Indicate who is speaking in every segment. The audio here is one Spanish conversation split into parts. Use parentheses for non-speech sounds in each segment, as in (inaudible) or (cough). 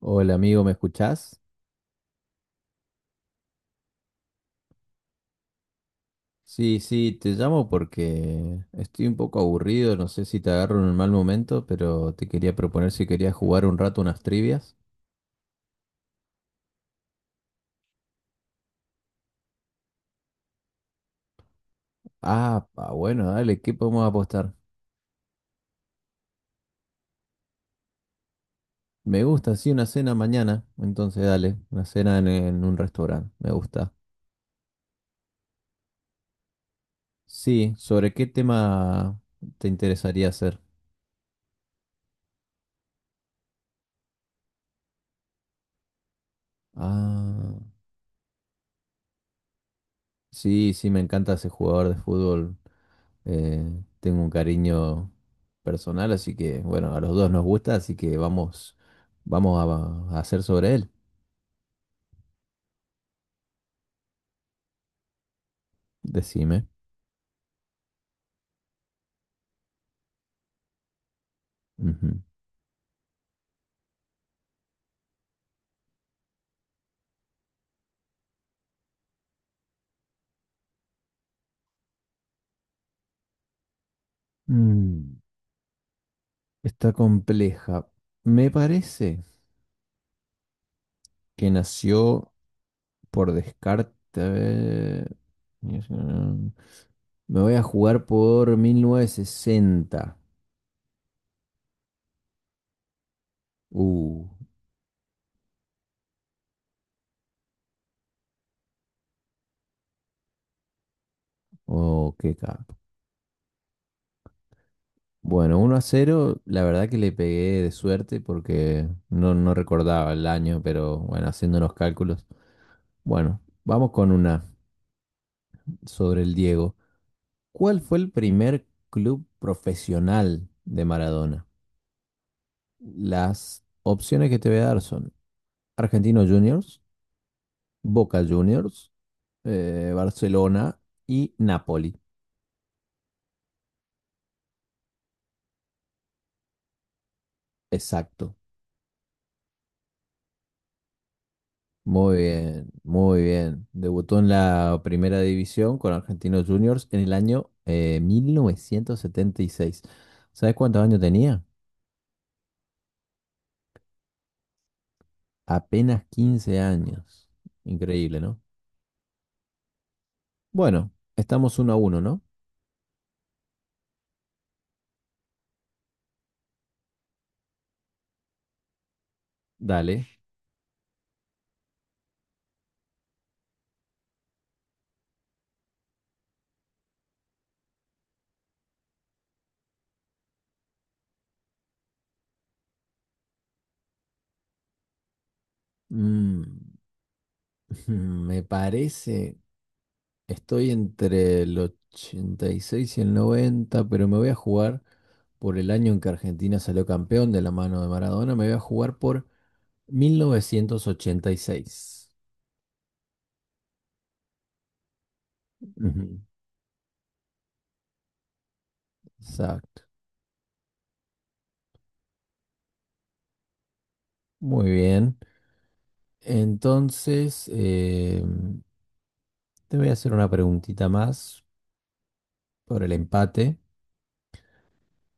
Speaker 1: Hola amigo, ¿me escuchás? Sí, sí, te llamo porque estoy un poco aburrido, no sé si te agarro en un mal momento, pero te quería proponer si querías jugar un rato unas trivias. Ah, pa, bueno, dale, ¿qué podemos apostar? Me gusta, sí, una cena mañana, entonces dale, una cena en un restaurante, me gusta. Sí, ¿sobre qué tema te interesaría hacer? Ah, sí, sí, me encanta ese jugador de fútbol. Tengo un cariño personal, así que bueno, a los dos nos gusta, así que vamos, vamos a hacer sobre él. Decime. Ujú. Mm, está compleja. Me parece que nació por descarte. A ver, me voy a jugar por 1960. Uh, oh, qué caca. Bueno, uno a cero, la verdad que le pegué de suerte porque no, no recordaba el año, pero bueno, haciendo los cálculos. Bueno, vamos con una sobre el Diego. ¿Cuál fue el primer club profesional de Maradona? Las opciones que te voy a dar son Argentinos Juniors, Boca Juniors, Barcelona y Napoli. Exacto. Muy bien, muy bien. Debutó en la primera división con Argentinos Juniors en el año mil novecientos setenta y seis. ¿Sabes cuántos años tenía? Apenas 15 años. Increíble, ¿no? Bueno, estamos uno a uno, ¿no? Dale. Mm, (laughs) me parece, estoy entre el 86 y el 90, pero me voy a jugar por el año en que Argentina salió campeón de la mano de Maradona, me voy a jugar por 1986. Ujú, exacto. Muy bien. Entonces, te voy a hacer una preguntita más por el empate.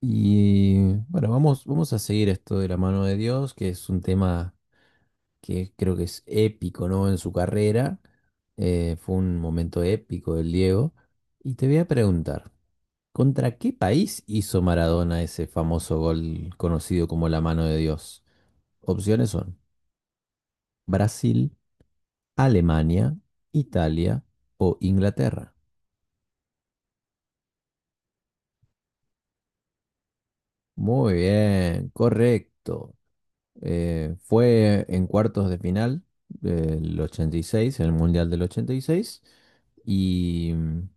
Speaker 1: Y bueno, vamos, vamos a seguir esto de la mano de Dios, que es un tema que creo que es épico, ¿no? En su carrera. Fue un momento épico del Diego. Y te voy a preguntar. ¿Contra qué país hizo Maradona ese famoso gol conocido como la mano de Dios? Opciones son Brasil, Alemania, Italia o Inglaterra. Muy bien, correcto. Fue en cuartos de final del 86, en el Mundial del 86, y seis, y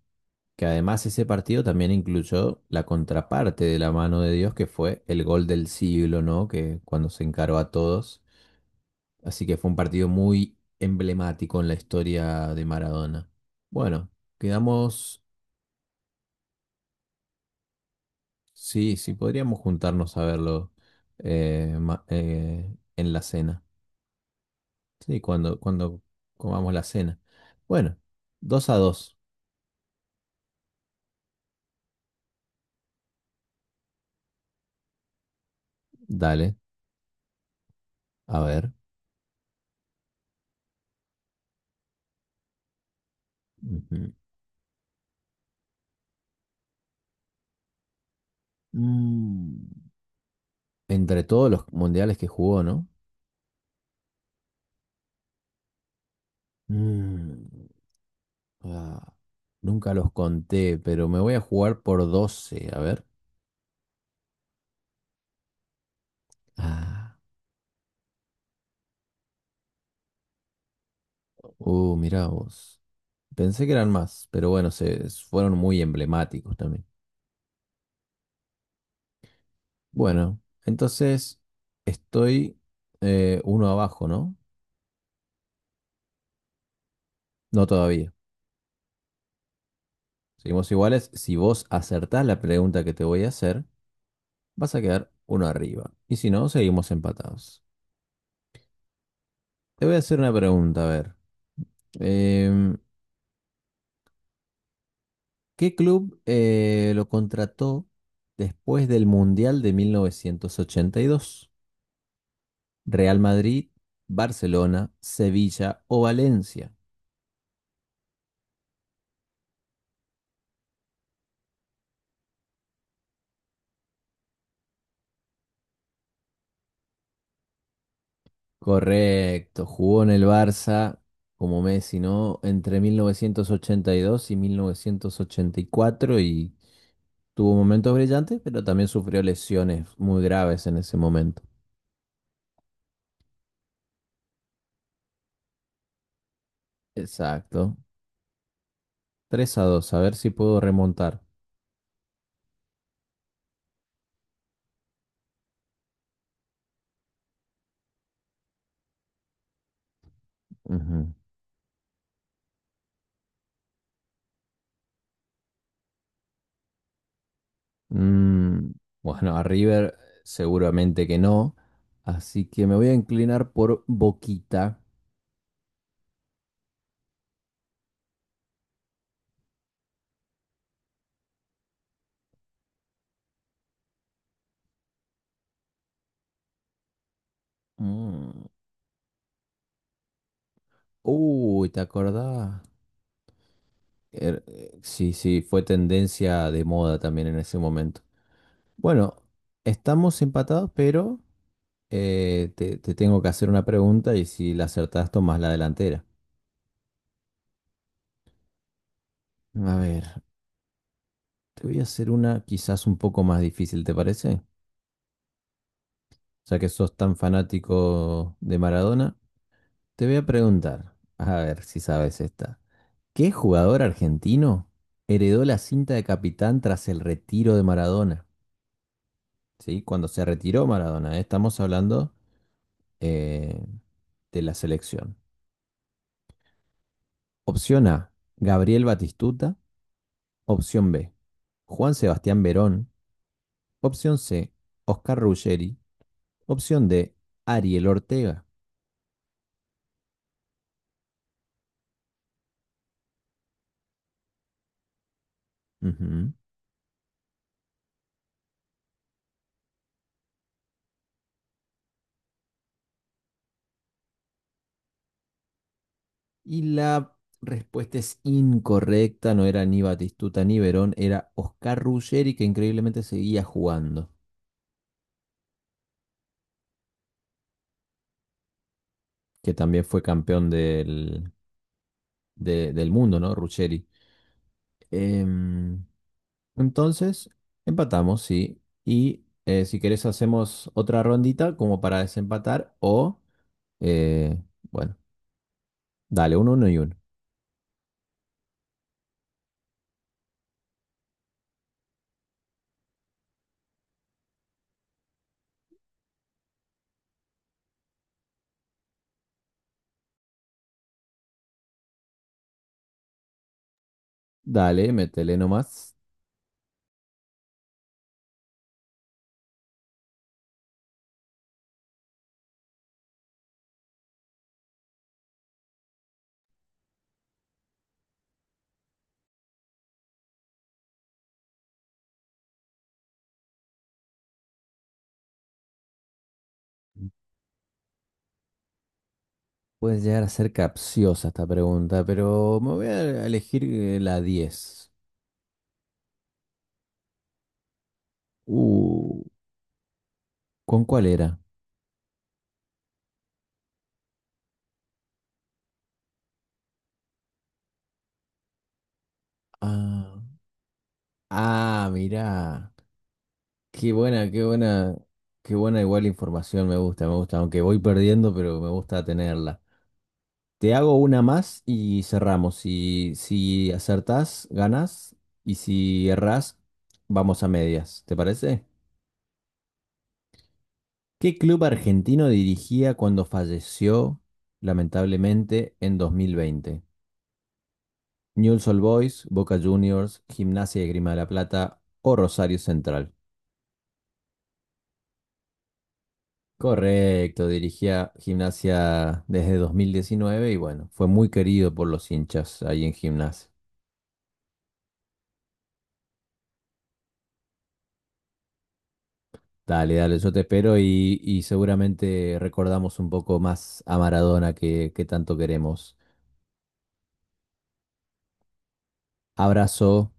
Speaker 1: que además ese partido también incluyó la contraparte de la mano de Dios, que fue el gol del siglo, ¿no? Que cuando se encaró a todos. Así que fue un partido muy emblemático en la historia de Maradona. Bueno, quedamos, sí, sí, podríamos juntarnos a verlo en la cena. Sí, cuando comamos la cena. Bueno, dos a dos. Dale, a ver. Ujú. Mm, ¿Entre todos los mundiales que jugó, ¿no? Mm, ah, nunca los conté, pero me voy a jugar por 12, a ver. Ah, mirá vos. Pensé que eran más, pero bueno, se fueron muy emblemáticos también. Bueno, entonces estoy uno abajo, ¿no? No todavía. Seguimos iguales. Si vos acertás la pregunta que te voy a hacer, vas a quedar uno arriba. Y si no, seguimos empatados. Te voy a hacer una pregunta, a ver. Em, ¿Qué club lo contrató después del Mundial de 1982? ¿Real Madrid, Barcelona, Sevilla o Valencia? Correcto, jugó en el Barça como Messi, ¿no? Entre 1982 y mil novecientos ochenta y cuatro y tuvo momentos brillantes, pero también sufrió lesiones muy graves en ese momento. Exacto. Tres a 2. A ver si puedo remontar. Ujú. Mm, bueno, a River seguramente que no, así que me voy a inclinar por Boquita. Mm. Uy, ¿te acordás? Sí, sí, fue tendencia de moda también en ese momento. Bueno, estamos empatados, pero te, te tengo que hacer una pregunta y si la acertás, tomás la delantera. A ver, te voy a hacer una quizás un poco más difícil, ¿te parece? Ya que sos tan fanático de Maradona, te voy a preguntar, a ver si sabes esta. ¿Qué jugador argentino heredó la cinta de capitán tras el retiro de Maradona? Sí, cuando se retiró Maradona, ¿eh? Estamos hablando eh, de la selección. Opción A, Gabriel Batistuta. Opción B, Juan Sebastián Verón. Opción C, Oscar Ruggeri. Opción D, Ariel Ortega. Ujú. Y la respuesta es incorrecta, no era ni Batistuta ni Verón, era Oscar Ruggeri que increíblemente seguía jugando, que también fue campeón del, de- del mundo, ¿no? Ruggeri. Em, Entonces, empatamos, sí. Y si querés hacemos otra rondita como para desempatar o, eh, bueno, dale, uno, uno y uno. Dale, métele nomás. Puede llegar a ser capciosa esta pregunta, pero me voy a elegir la 10. Uh, ¿Con cuál era? Ah, ah, mirá. Qué buena, qué buena, qué buena igual información, me gusta, aunque voy perdiendo, pero me gusta tenerla. Te hago una más y cerramos. Si, si acertás, ganas. Y si errás, vamos a medias. ¿Te parece? ¿Qué club argentino dirigía cuando falleció, lamentablemente, en 2020? Newell's Old Boys, Boca Juniors, Gimnasia y Grima de la Plata o Rosario Central. Correcto, dirigía Gimnasia desde 2019 y bueno, fue muy querido por los hinchas ahí en Gimnasia. Dale, dale, yo te espero y seguramente recordamos un poco más a Maradona que tanto queremos. Abrazo.